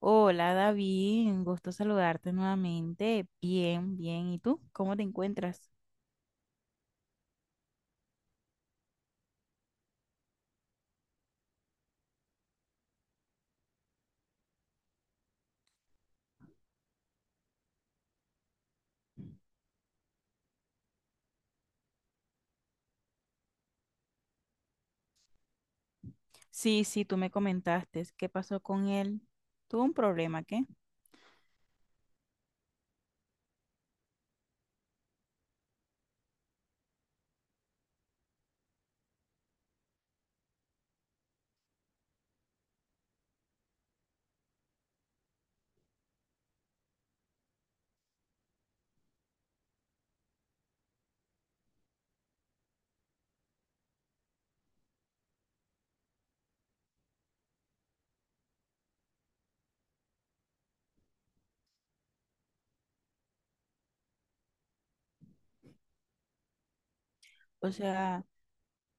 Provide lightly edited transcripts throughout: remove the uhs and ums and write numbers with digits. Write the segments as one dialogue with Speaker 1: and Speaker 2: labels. Speaker 1: Hola David, un gusto saludarte nuevamente. Bien, bien. ¿Y tú? ¿Cómo te encuentras? Sí, tú me comentaste. ¿Qué pasó con él? ¿Tuvo un problema, qué? O sea,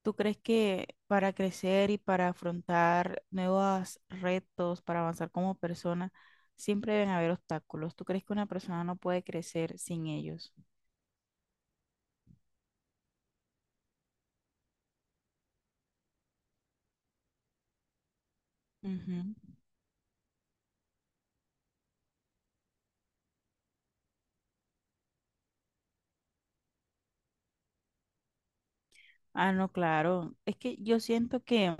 Speaker 1: ¿tú crees que para crecer y para afrontar nuevos retos, para avanzar como persona, siempre deben haber obstáculos? ¿Tú crees que una persona no puede crecer sin ellos? Ujú. Ah, no, claro. Es que yo siento que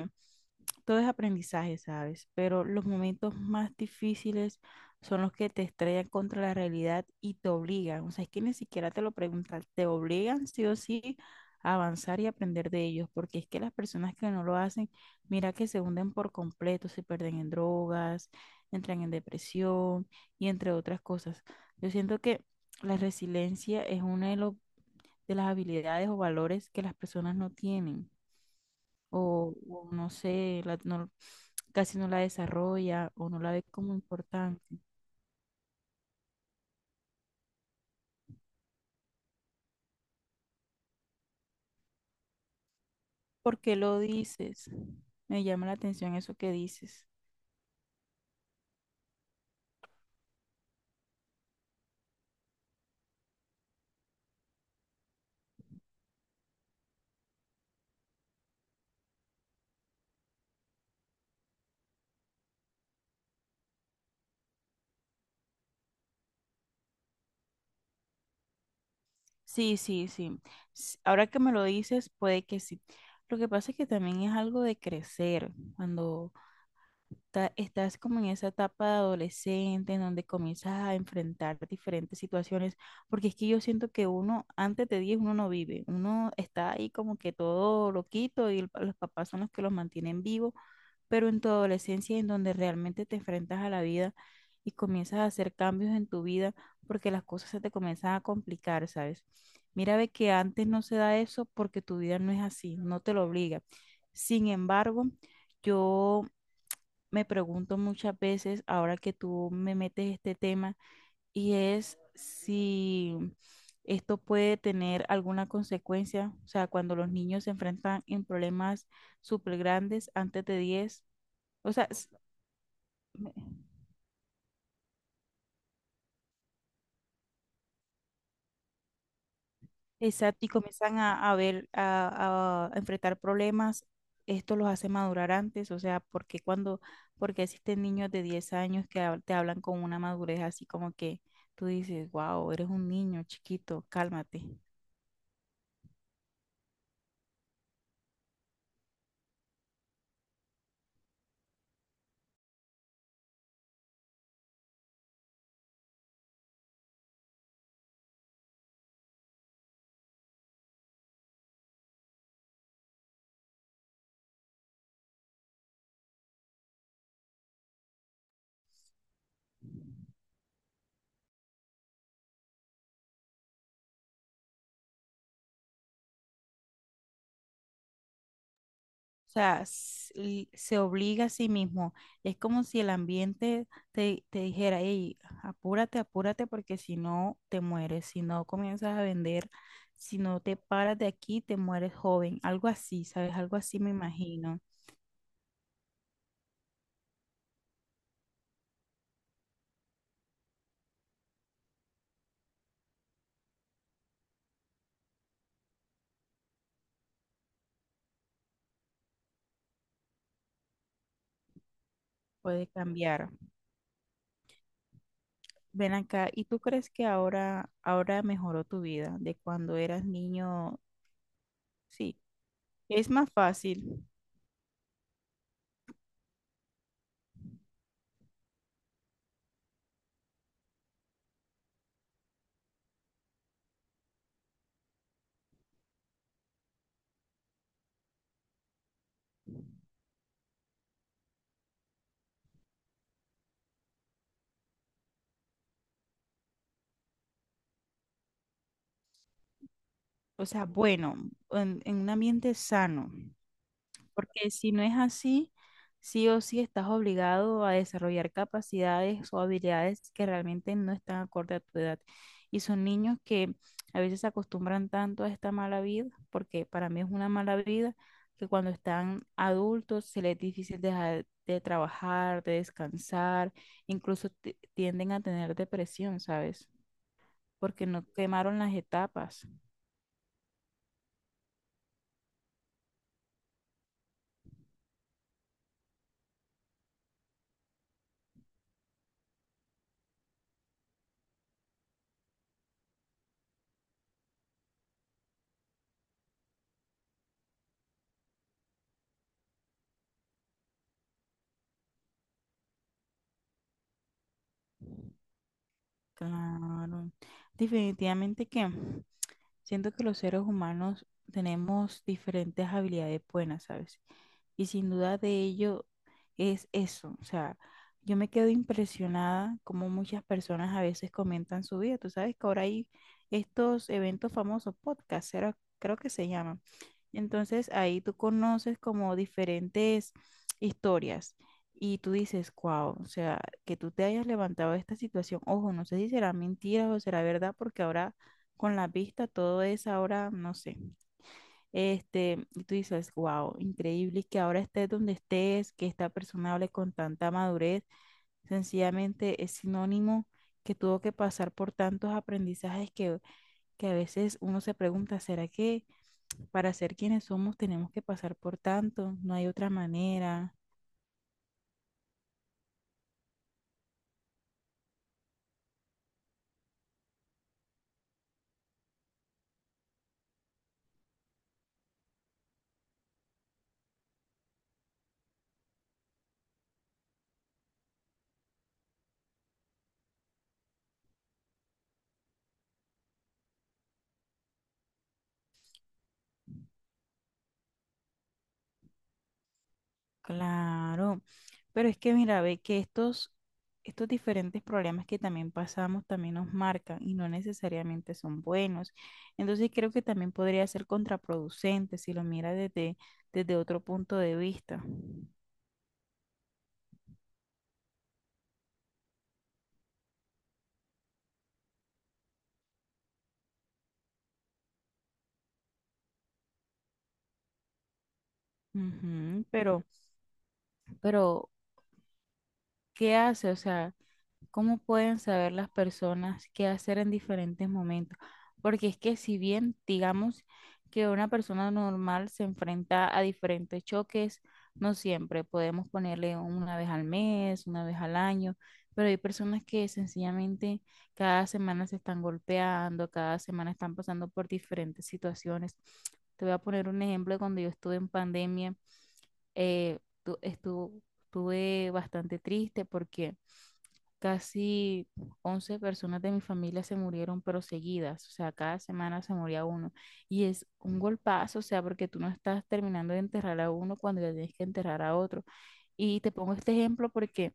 Speaker 1: todo es aprendizaje, ¿sabes? Pero los momentos más difíciles son los que te estrellan contra la realidad y te obligan. O sea, es que ni siquiera te lo preguntan, te obligan sí o sí a avanzar y aprender de ellos, porque es que las personas que no lo hacen, mira que se hunden por completo, se pierden en drogas, entran en depresión y entre otras cosas. Yo siento que la resiliencia es una de las habilidades o valores que las personas no tienen o no sé, casi no la desarrolla o no la ve como importante. ¿Por qué lo dices? Me llama la atención eso que dices. Sí. Ahora que me lo dices, puede que sí. Lo que pasa es que también es algo de crecer. Cuando estás como en esa etapa de adolescente en donde comienzas a enfrentar diferentes situaciones, porque es que yo siento que uno antes de 10 uno no vive, uno está ahí como que todo loquito y los papás son los que los mantienen vivo, pero en tu adolescencia en donde realmente te enfrentas a la vida y comienzas a hacer cambios en tu vida porque las cosas se te comienzan a complicar, ¿sabes? Mira, ve que antes no se da eso porque tu vida no es así, no te lo obliga. Sin embargo, yo me pregunto muchas veces, ahora que tú me metes este tema, y es si esto puede tener alguna consecuencia, o sea, cuando los niños se enfrentan en problemas súper grandes antes de 10, o sea, me- exacto, y comienzan a enfrentar problemas, esto los hace madurar antes, o sea, porque cuando, porque existen niños de 10 años que te hablan con una madurez así como que tú dices, wow, eres un niño chiquito, cálmate. O sea, se obliga a sí mismo. Es como si el ambiente te dijera, hey, apúrate, apúrate, porque si no te mueres, si no comienzas a vender, si no te paras de aquí, te mueres joven. Algo así, ¿sabes? Algo así me imagino. Puede cambiar. Ven acá, ¿y tú crees que ahora, ahora mejoró tu vida de cuando eras niño? Sí, es más fácil. O sea, bueno, en un ambiente sano. Porque si no es así, sí o sí estás obligado a desarrollar capacidades o habilidades que realmente no están acorde a tu edad. Y son niños que a veces se acostumbran tanto a esta mala vida, porque para mí es una mala vida, que cuando están adultos se les es difícil dejar de trabajar, de descansar, incluso tienden a tener depresión, ¿sabes? Porque no quemaron las etapas. Claro. Definitivamente que siento que los seres humanos tenemos diferentes habilidades buenas, ¿sabes? Y sin duda de ello es eso. O sea, yo me quedo impresionada como muchas personas a veces comentan su vida. Tú sabes que ahora hay estos eventos famosos, podcasts, creo que se llaman. Entonces ahí tú conoces como diferentes historias y tú dices, wow, o sea, que tú te hayas levantado de esta situación. Ojo, no sé si será mentira o será verdad porque ahora con la vista, todo es ahora, no sé. Este, y tú dices, wow, increíble que ahora estés donde estés, que esta persona hable con tanta madurez, sencillamente es sinónimo que tuvo que pasar por tantos aprendizajes que a veces uno se pregunta, ¿será que para ser quienes somos tenemos que pasar por tanto? No hay otra manera. Claro, pero es que mira, ve que estos diferentes problemas que también pasamos también nos marcan y no necesariamente son buenos. Entonces creo que también podría ser contraproducente si lo miras desde otro punto de vista. Ujú, pero ¿qué hace? O sea, ¿cómo pueden saber las personas qué hacer en diferentes momentos? Porque es que si bien digamos que una persona normal se enfrenta a diferentes choques, no siempre podemos ponerle una vez al mes, una vez al año, pero hay personas que sencillamente cada semana se están golpeando, cada semana están pasando por diferentes situaciones. Te voy a poner un ejemplo de cuando yo estuve en pandemia, eh, tu- estuvo- estuve bastante triste porque casi 11 personas de mi familia se murieron, pero seguidas, o sea, cada semana se moría uno. Y es un golpazo, o sea, porque tú no estás terminando de enterrar a uno cuando ya tienes que enterrar a otro. Y te pongo este ejemplo porque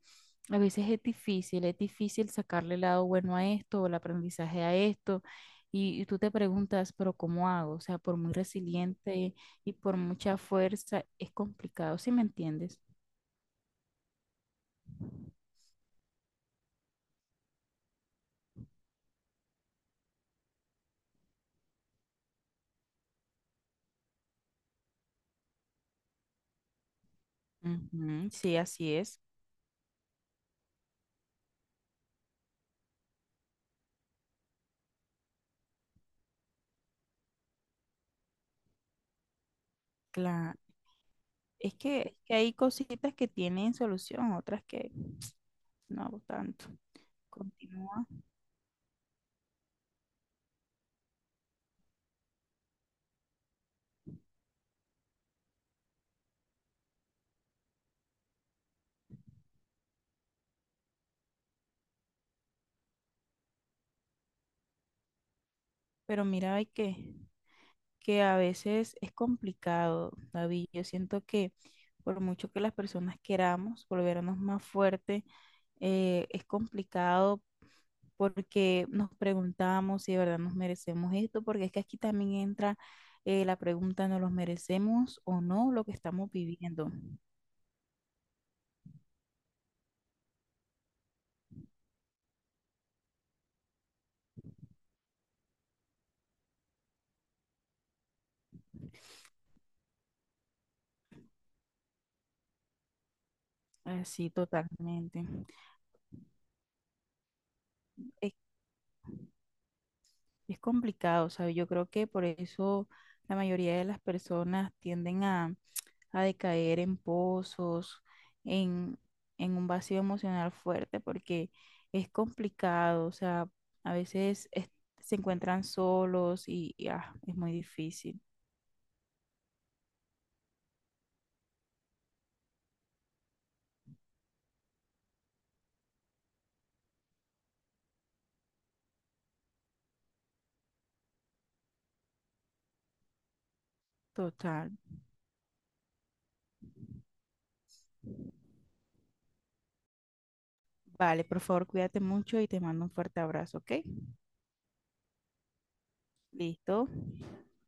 Speaker 1: a veces es difícil sacarle el lado bueno a esto o el aprendizaje a esto. Y tú te preguntas, pero ¿cómo hago? O sea, por muy resiliente y por mucha fuerza, es complicado, ¿sí me entiendes? Ujú, sí, así es. Claro. Es que hay cositas que tienen solución, otras que no tanto. Continúa. Pero mira, que a veces es complicado, David. Yo siento que por mucho que las personas queramos volvernos más fuertes, es complicado porque nos preguntamos si de verdad nos merecemos esto, porque es que aquí también entra la pregunta, ¿nos los merecemos o no lo que estamos viviendo? Así totalmente. Eh, Es complicado, ¿sabes? Yo creo que por eso la mayoría de las personas tienden a decaer en pozos, en, en un vacío emocional fuerte, porque es complicado, o sea, a veces es- se encuentran solos y es muy difícil. Total. Vale, por favor, cuídate mucho y te mando un fuerte abrazo, ¿ok? Listo.